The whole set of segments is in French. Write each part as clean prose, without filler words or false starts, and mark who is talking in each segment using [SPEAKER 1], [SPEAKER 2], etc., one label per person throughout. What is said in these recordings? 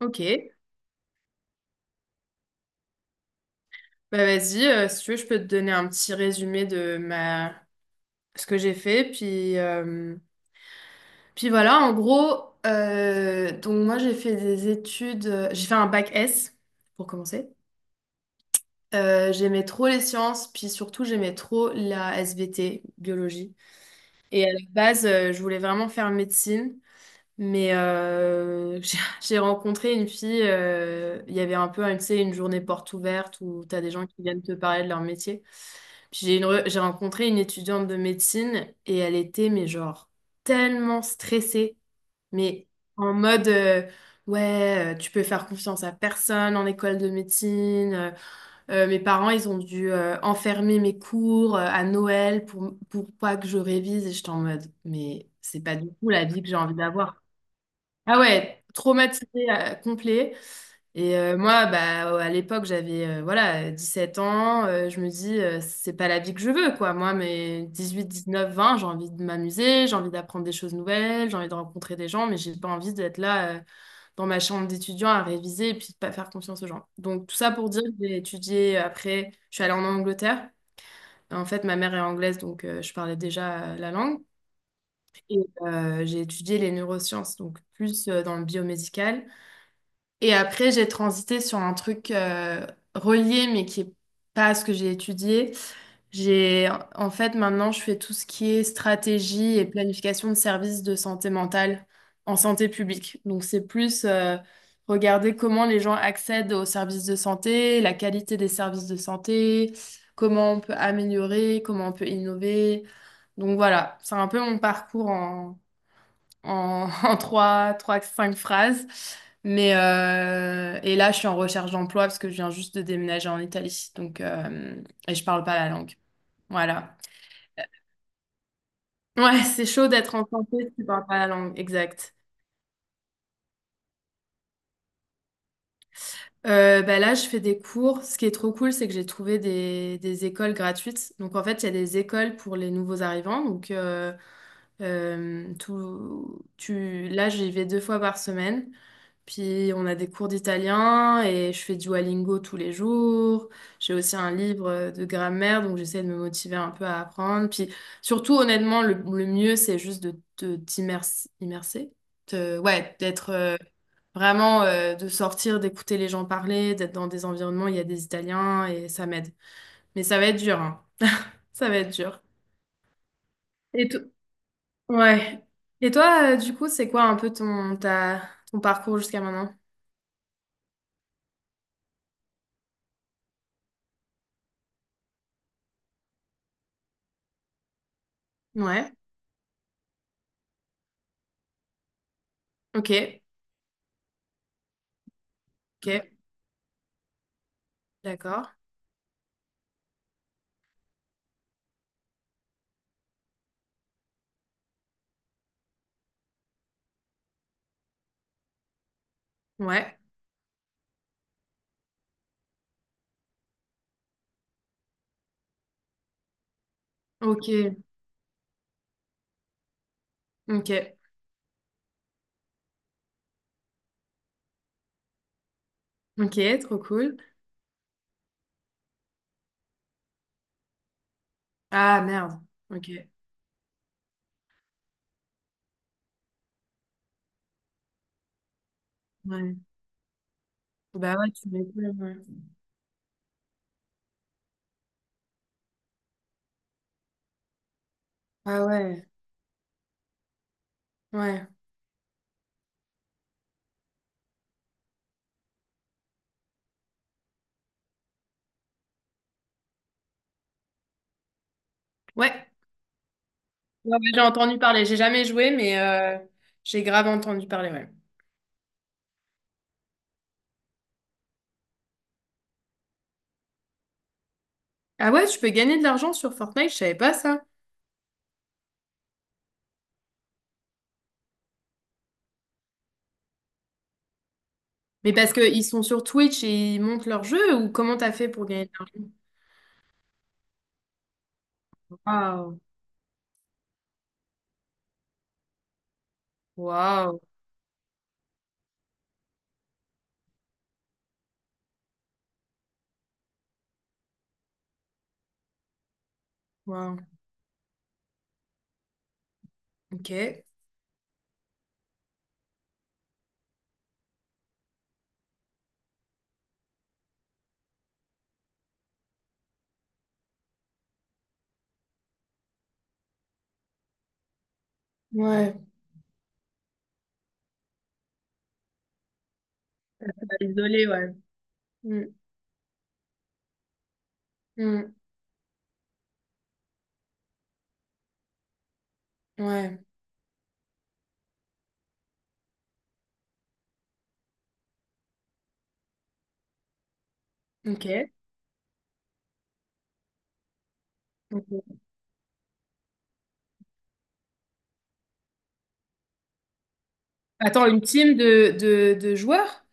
[SPEAKER 1] Ok, bah vas-y, si tu veux, je peux te donner un petit résumé ce que j'ai fait. Puis voilà, en gros, donc moi j'ai fait des études, j'ai fait un bac S pour commencer. J'aimais trop les sciences, puis surtout j'aimais trop la SVT, biologie. Et à la base, je voulais vraiment faire médecine. Mais j'ai rencontré une fille, il y avait un peu, hein, tu sais, une journée porte ouverte où tu as des gens qui viennent te parler de leur métier. Puis j'ai rencontré une étudiante de médecine et elle était, mais genre, tellement stressée, mais en mode, ouais, tu peux faire confiance à personne en école de médecine. Mes parents, ils ont dû enfermer mes cours à Noël pour pas que je révise. Et j'étais en mode, mais c'est pas du tout la vie que j'ai envie d'avoir. Ah ouais, traumatisé complet. Et moi, bah, à l'époque, j'avais voilà, 7 ans. Je me dis, c'est pas la vie que je veux, quoi. Moi, mes 19, 20, j'ai envie de m'amuser, j'ai envie d'apprendre des choses nouvelles, j'ai envie de rencontrer des gens, mais j'ai pas envie d'être là dans ma chambre d'étudiant à réviser et puis de pas faire confiance aux gens. Donc, tout ça pour dire que j'ai étudié après, je suis allée en Angleterre. En fait, ma mère est anglaise, donc je parlais déjà la langue. Et j'ai étudié les neurosciences, donc plus dans le biomédical. Et après, j'ai transité sur un truc relié, mais qui est pas à ce que j'ai étudié. J'ai, en fait, maintenant, je fais tout ce qui est stratégie et planification de services de santé mentale en santé publique. Donc, c'est plus regarder comment les gens accèdent aux services de santé, la qualité des services de santé, comment on peut améliorer, comment on peut innover. Donc, voilà, c'est un peu mon parcours en cinq phrases. Mais et là, je suis en recherche d'emploi parce que je viens juste de déménager en Italie. Donc, et je parle pas la langue. Voilà. Ouais, c'est chaud d'être en santé si tu parles pas la langue. Exact. Bah là, je fais des cours. Ce qui est trop cool, c'est que j'ai trouvé des écoles gratuites. Donc, en fait, il y a des écoles pour les nouveaux arrivants. Donc, là, j'y vais deux fois par semaine. Puis on a des cours d'italien et je fais du Duolingo tous les jours. J'ai aussi un livre de grammaire, donc j'essaie de me motiver un peu à apprendre. Puis surtout, honnêtement, le mieux, c'est juste de ouais, d'être vraiment, de sortir, d'écouter les gens parler, d'être dans des environnements où il y a des Italiens et ça m'aide. Mais ça va être dur, hein. Ça va être dur. Et tout. Ouais. Et toi, du coup, c'est quoi un peu ton parcours jusqu'à maintenant? Ouais. Ok. Ok. D'accord. Ouais. Ok. Ok. Ok. Trop cool. Ah, merde. Ok. Ouais. Bah ouais, tu m'étonnes. Ouais. Ah ouais. Ouais. Ouais. Ouais, ouais, j'ai entendu parler. J'ai jamais joué, mais j'ai grave entendu parler, ouais. Ah ouais, tu peux gagner de l'argent sur Fortnite, je savais pas ça. Mais parce qu'ils sont sur Twitch et ils montent leur jeu ou comment t'as fait pour gagner de l'argent? Waouh. Waouh. Wow. Ok. Ouais. Isolé, ouais. Mm, mm, ouais. Ok. Ok. Attends, une team de joueurs?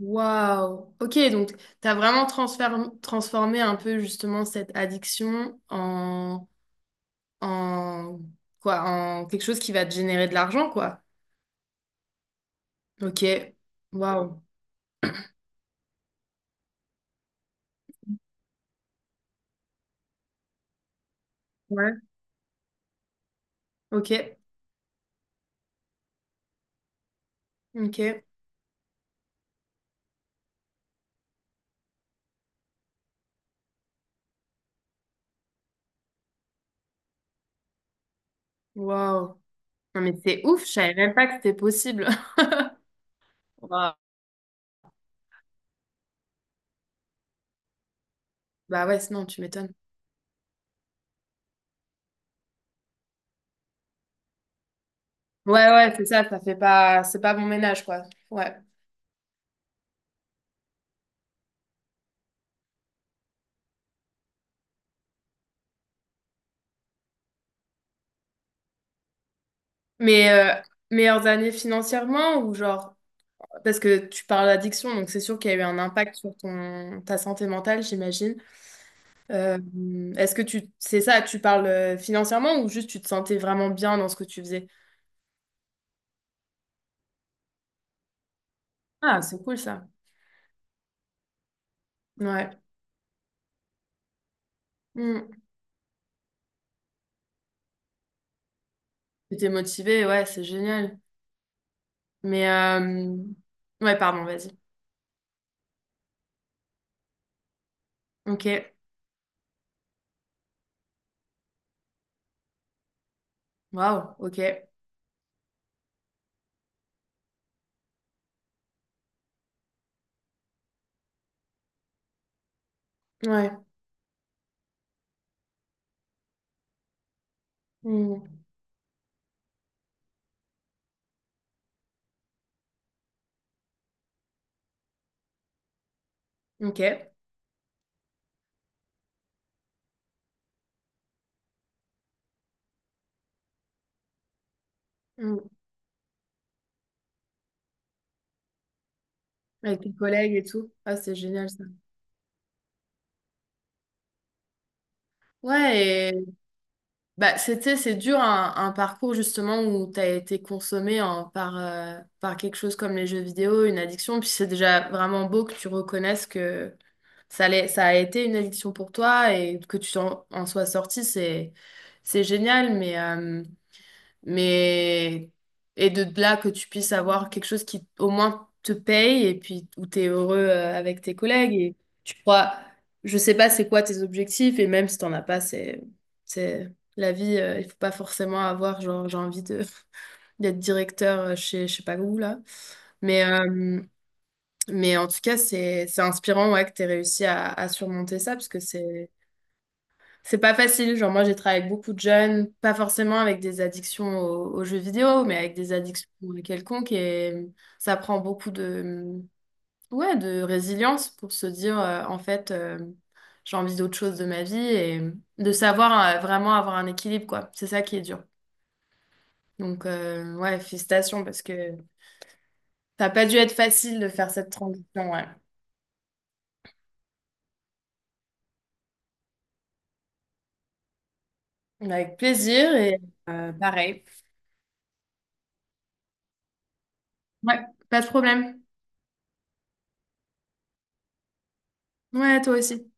[SPEAKER 1] Waouh. Ok, donc t'as vraiment transformé un peu justement cette addiction en en quelque chose qui va te générer de l'argent, quoi. Ok. Waouh. Ouais. Ok. Ok. Waouh. Non mais c'est ouf, je savais même pas que c'était possible. Waouh. Bah ouais, sinon tu m'étonnes. Ouais, ouais, c'est ça, ça fait pas, c'est pas bon ménage, quoi. Ouais. Mais meilleures années financièrement ou genre, parce que tu parles d'addiction, donc c'est sûr qu'il y a eu un impact sur ta santé mentale, j'imagine. Euh, est-ce que c'est ça, tu parles financièrement ou juste tu te sentais vraiment bien dans ce que tu faisais? Ah, c'est cool ça. Ouais. Mm. Tu étais motivée, ouais, c'est génial. Mais, ouais, pardon, vas-y. Ok. Waouh, ok. Ouais. Mm. Ok. Mm. Avec tes collègues et tout. Ah, c'est génial ça. Ouais, et bah, c'est dur un parcours justement où tu as été consommé par quelque chose comme les jeux vidéo, une addiction. Puis c'est déjà vraiment beau que tu reconnaisses que ça a été une addiction pour toi et que tu sois sorti. C'est génial, mais et de là que tu puisses avoir quelque chose qui au moins te paye et puis où tu es heureux avec tes collègues et tu crois, je sais pas c'est quoi tes objectifs et même si t'en as pas, c'est la vie, il faut pas forcément avoir genre j'ai envie de d'être directeur chez je sais pas où là. Mais euh, mais en tout cas, c'est inspirant, ouais, que tu réussi à surmonter ça parce que c'est pas facile. Genre, moi, j'ai travaillé avec beaucoup de jeunes, pas forcément avec des addictions aux jeux vidéo, mais avec des addictions quelconques. Et ça prend beaucoup ouais, de résilience pour se dire, en fait, j'ai envie d'autre chose de ma vie et de savoir vraiment avoir un équilibre, quoi. C'est ça qui est dur. Donc, ouais, félicitations parce que ça n'a pas dû être facile de faire cette transition, ouais. Avec plaisir et pareil. Ouais, pas de problème. Ouais, toi aussi.